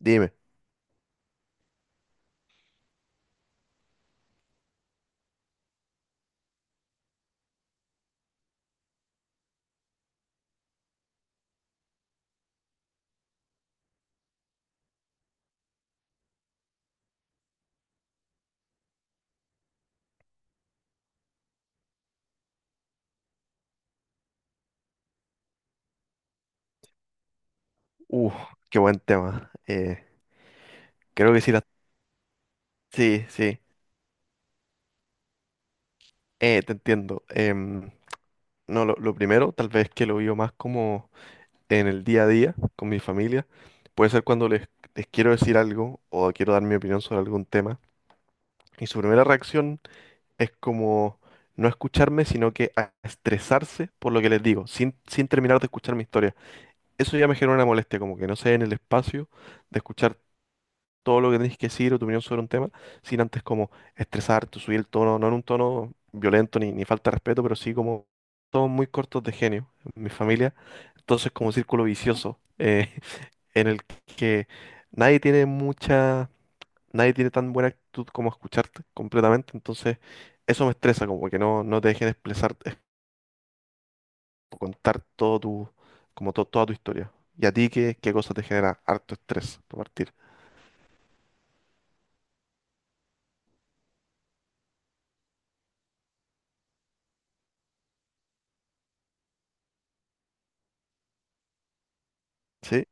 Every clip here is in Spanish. Dime. uh, Qué buen tema. Creo que sí, sí, sí, te entiendo. No, lo primero, tal vez que lo vivo más como en el día a día con mi familia, puede ser cuando les quiero decir algo o quiero dar mi opinión sobre algún tema. Y su primera reacción es como no escucharme, sino que a estresarse por lo que les digo, sin terminar de escuchar mi historia. Eso ya me genera una molestia, como que no se den el espacio de escuchar todo lo que tenéis que decir o tu opinión sobre un tema, sin antes como estresarte, subir el tono, no en un tono violento ni falta de respeto, pero sí como todos muy cortos de genio en mi familia, entonces como un círculo vicioso en el que nadie tiene nadie tiene tan buena actitud como escucharte completamente, entonces eso me estresa, como que no te dejen expresar, contar todo tu, como toda tu historia. ¿Y a ti qué, qué cosa te genera harto estrés por partir? ¿Sí?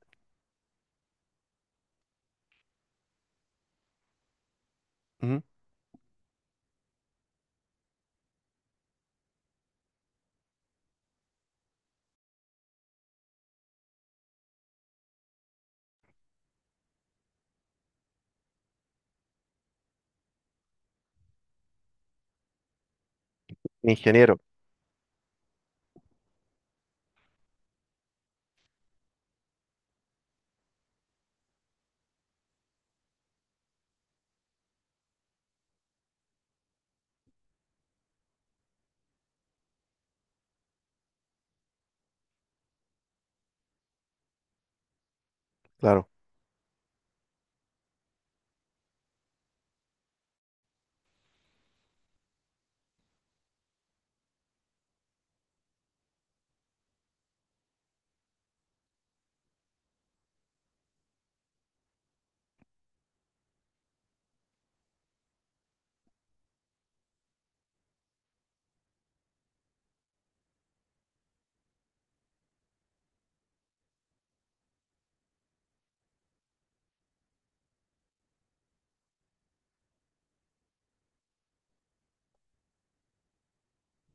Ujú. Ingeniero, claro.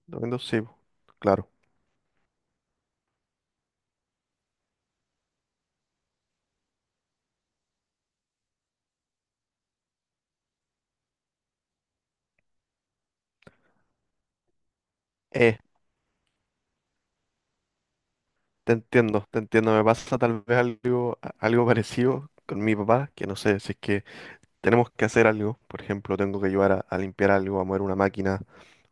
Domingo, sí, po, claro. Eh, Te entiendo, te entiendo. Me pasa tal vez algo, algo parecido con mi papá, que no sé, si es que tenemos que hacer algo, por ejemplo, tengo que ayudar a limpiar algo, a mover una máquina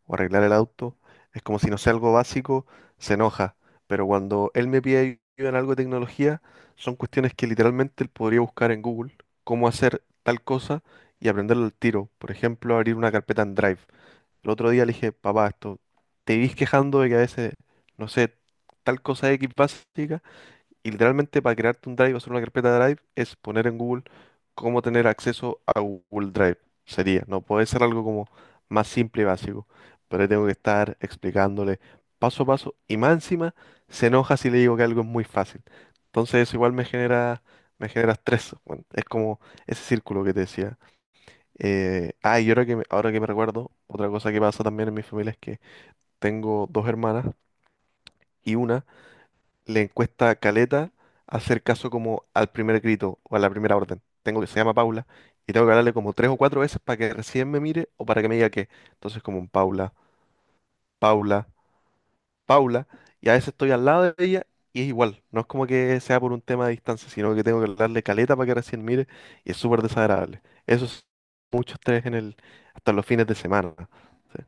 o arreglar el auto, es como si no sea algo básico, se enoja. Pero cuando él me pide ayuda en algo de tecnología, son cuestiones que literalmente él podría buscar en Google, cómo hacer tal cosa y aprenderlo al tiro. Por ejemplo, abrir una carpeta en Drive. El otro día le dije, papá, esto, te vivís quejando de que a veces, no sé, tal cosa X básica, y literalmente para crearte un drive o hacer una carpeta de drive es poner en Google cómo tener acceso a Google Drive. Sería, no puede ser algo como más simple y básico, pero ahí tengo que estar explicándole paso a paso, y más encima se enoja si le digo que algo es muy fácil. Entonces eso igual me genera estrés. Bueno, es como ese círculo que te decía. Y ahora que me recuerdo, otra cosa que pasa también en mi familia es que tengo dos hermanas y una le cuesta caleta hacer caso como al primer grito o a la primera orden. Tengo que se llama Paula y tengo que hablarle como tres o cuatro veces para que recién me mire o para que me diga que. Entonces como un Paula, Paula, Paula y a veces estoy al lado de ella y es igual. No es como que sea por un tema de distancia, sino que tengo que hablarle caleta para que recién mire y es súper desagradable. Eso es mucho estrés en el hasta los fines de semana. ¿Sí?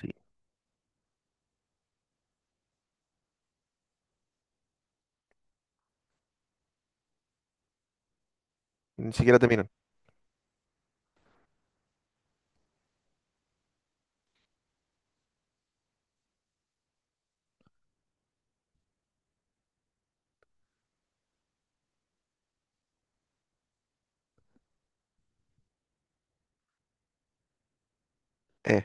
Sí. Ni siquiera te miran. Eh,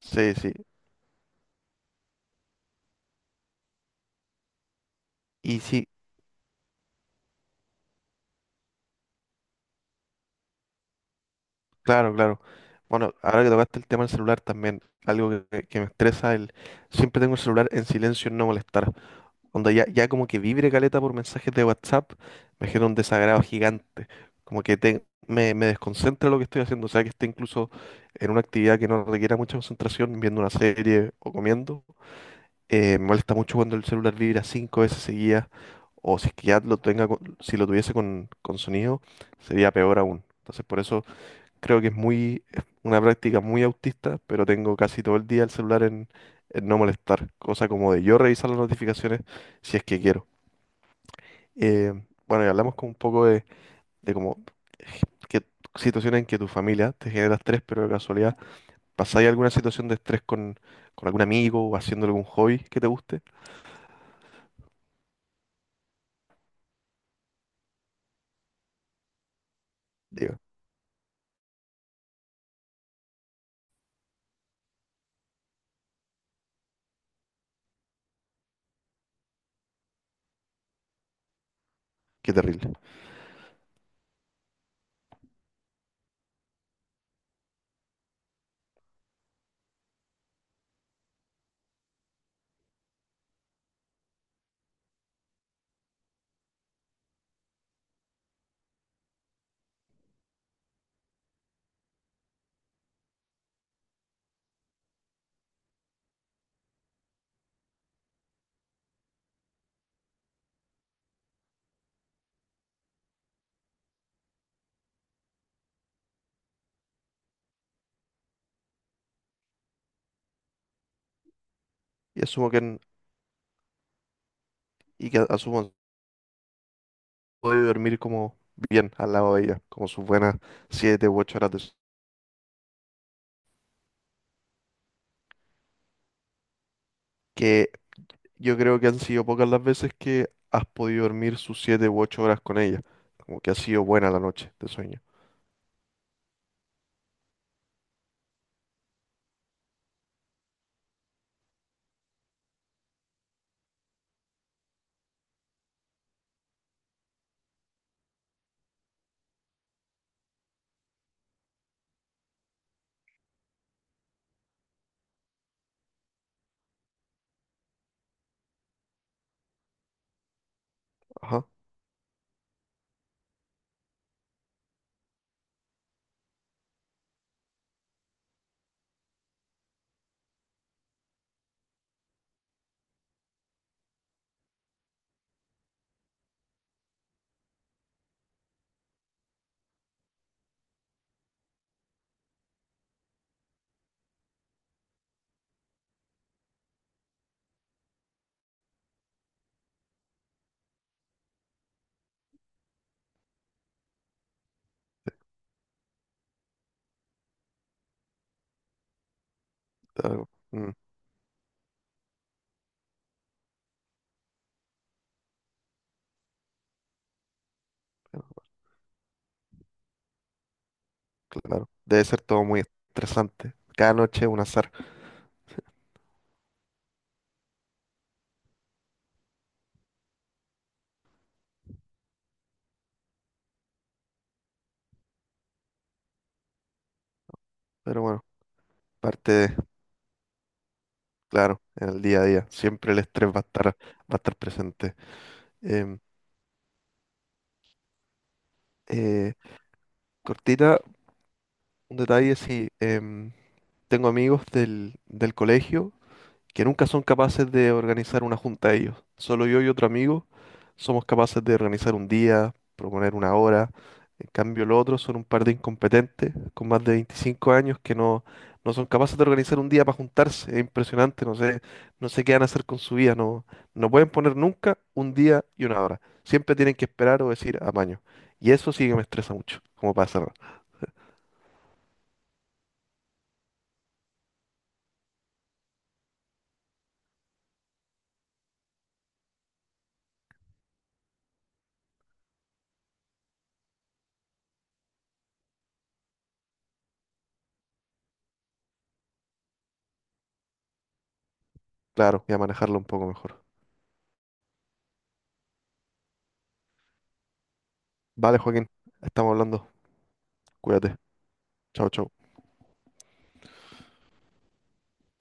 sí, sí. Y sí, claro, claro. Bueno, ahora que tocaste el tema del celular también, algo que, que me estresa, el siempre tengo el celular en silencio en no molestar. Cuando ya como que vibre caleta por mensajes de WhatsApp, me genera un desagrado gigante. Como que me, me desconcentra lo que estoy haciendo. O sea, que esté incluso en una actividad que no requiera mucha concentración, viendo una serie o comiendo. Me molesta mucho cuando el celular vibra cinco veces seguidas, o si es que ya lo tenga, si lo tuviese con sonido, sería peor aún. Entonces, por eso creo que es muy, es una práctica muy autista, pero tengo casi todo el día el celular en no molestar, cosa como de yo revisar las notificaciones si es que quiero. Eh, bueno, y hablamos con un poco de como que situaciones en que tu familia te genera estrés, pero de casualidad, ¿pasáis alguna situación de estrés con algún amigo o haciendo algún hobby que te guste? Digo, qué terrible. Y asumo que, y que asumo puede dormir como bien al lado de ella, como sus buenas 7 u 8 horas de sueño. Que yo creo que han sido pocas las veces que has podido dormir sus 7 u 8 horas con ella, como que ha sido buena la noche de sueño. Ajá, algo. Mm, claro, debe ser todo muy estresante. Cada noche es un azar, pero bueno, parte de, claro, en el día a día, siempre el estrés va a estar presente. Em, eh, cortita, un detalle, sí. Tengo amigos del, del colegio que nunca son capaces de organizar una junta ellos. Solo yo y otro amigo somos capaces de organizar un día, proponer una hora. En cambio, los otros son un par de incompetentes con más de 25 años que no son capaces de organizar un día para juntarse. Es impresionante, no sé, no sé qué van a hacer con su vida. No, no pueden poner nunca un día y una hora. Siempre tienen que esperar o decir amaño. Y eso sí que me estresa mucho, como para cerrar. Claro, voy a manejarlo un poco mejor. Vale, Joaquín, estamos hablando. Cuídate. Chao, chao.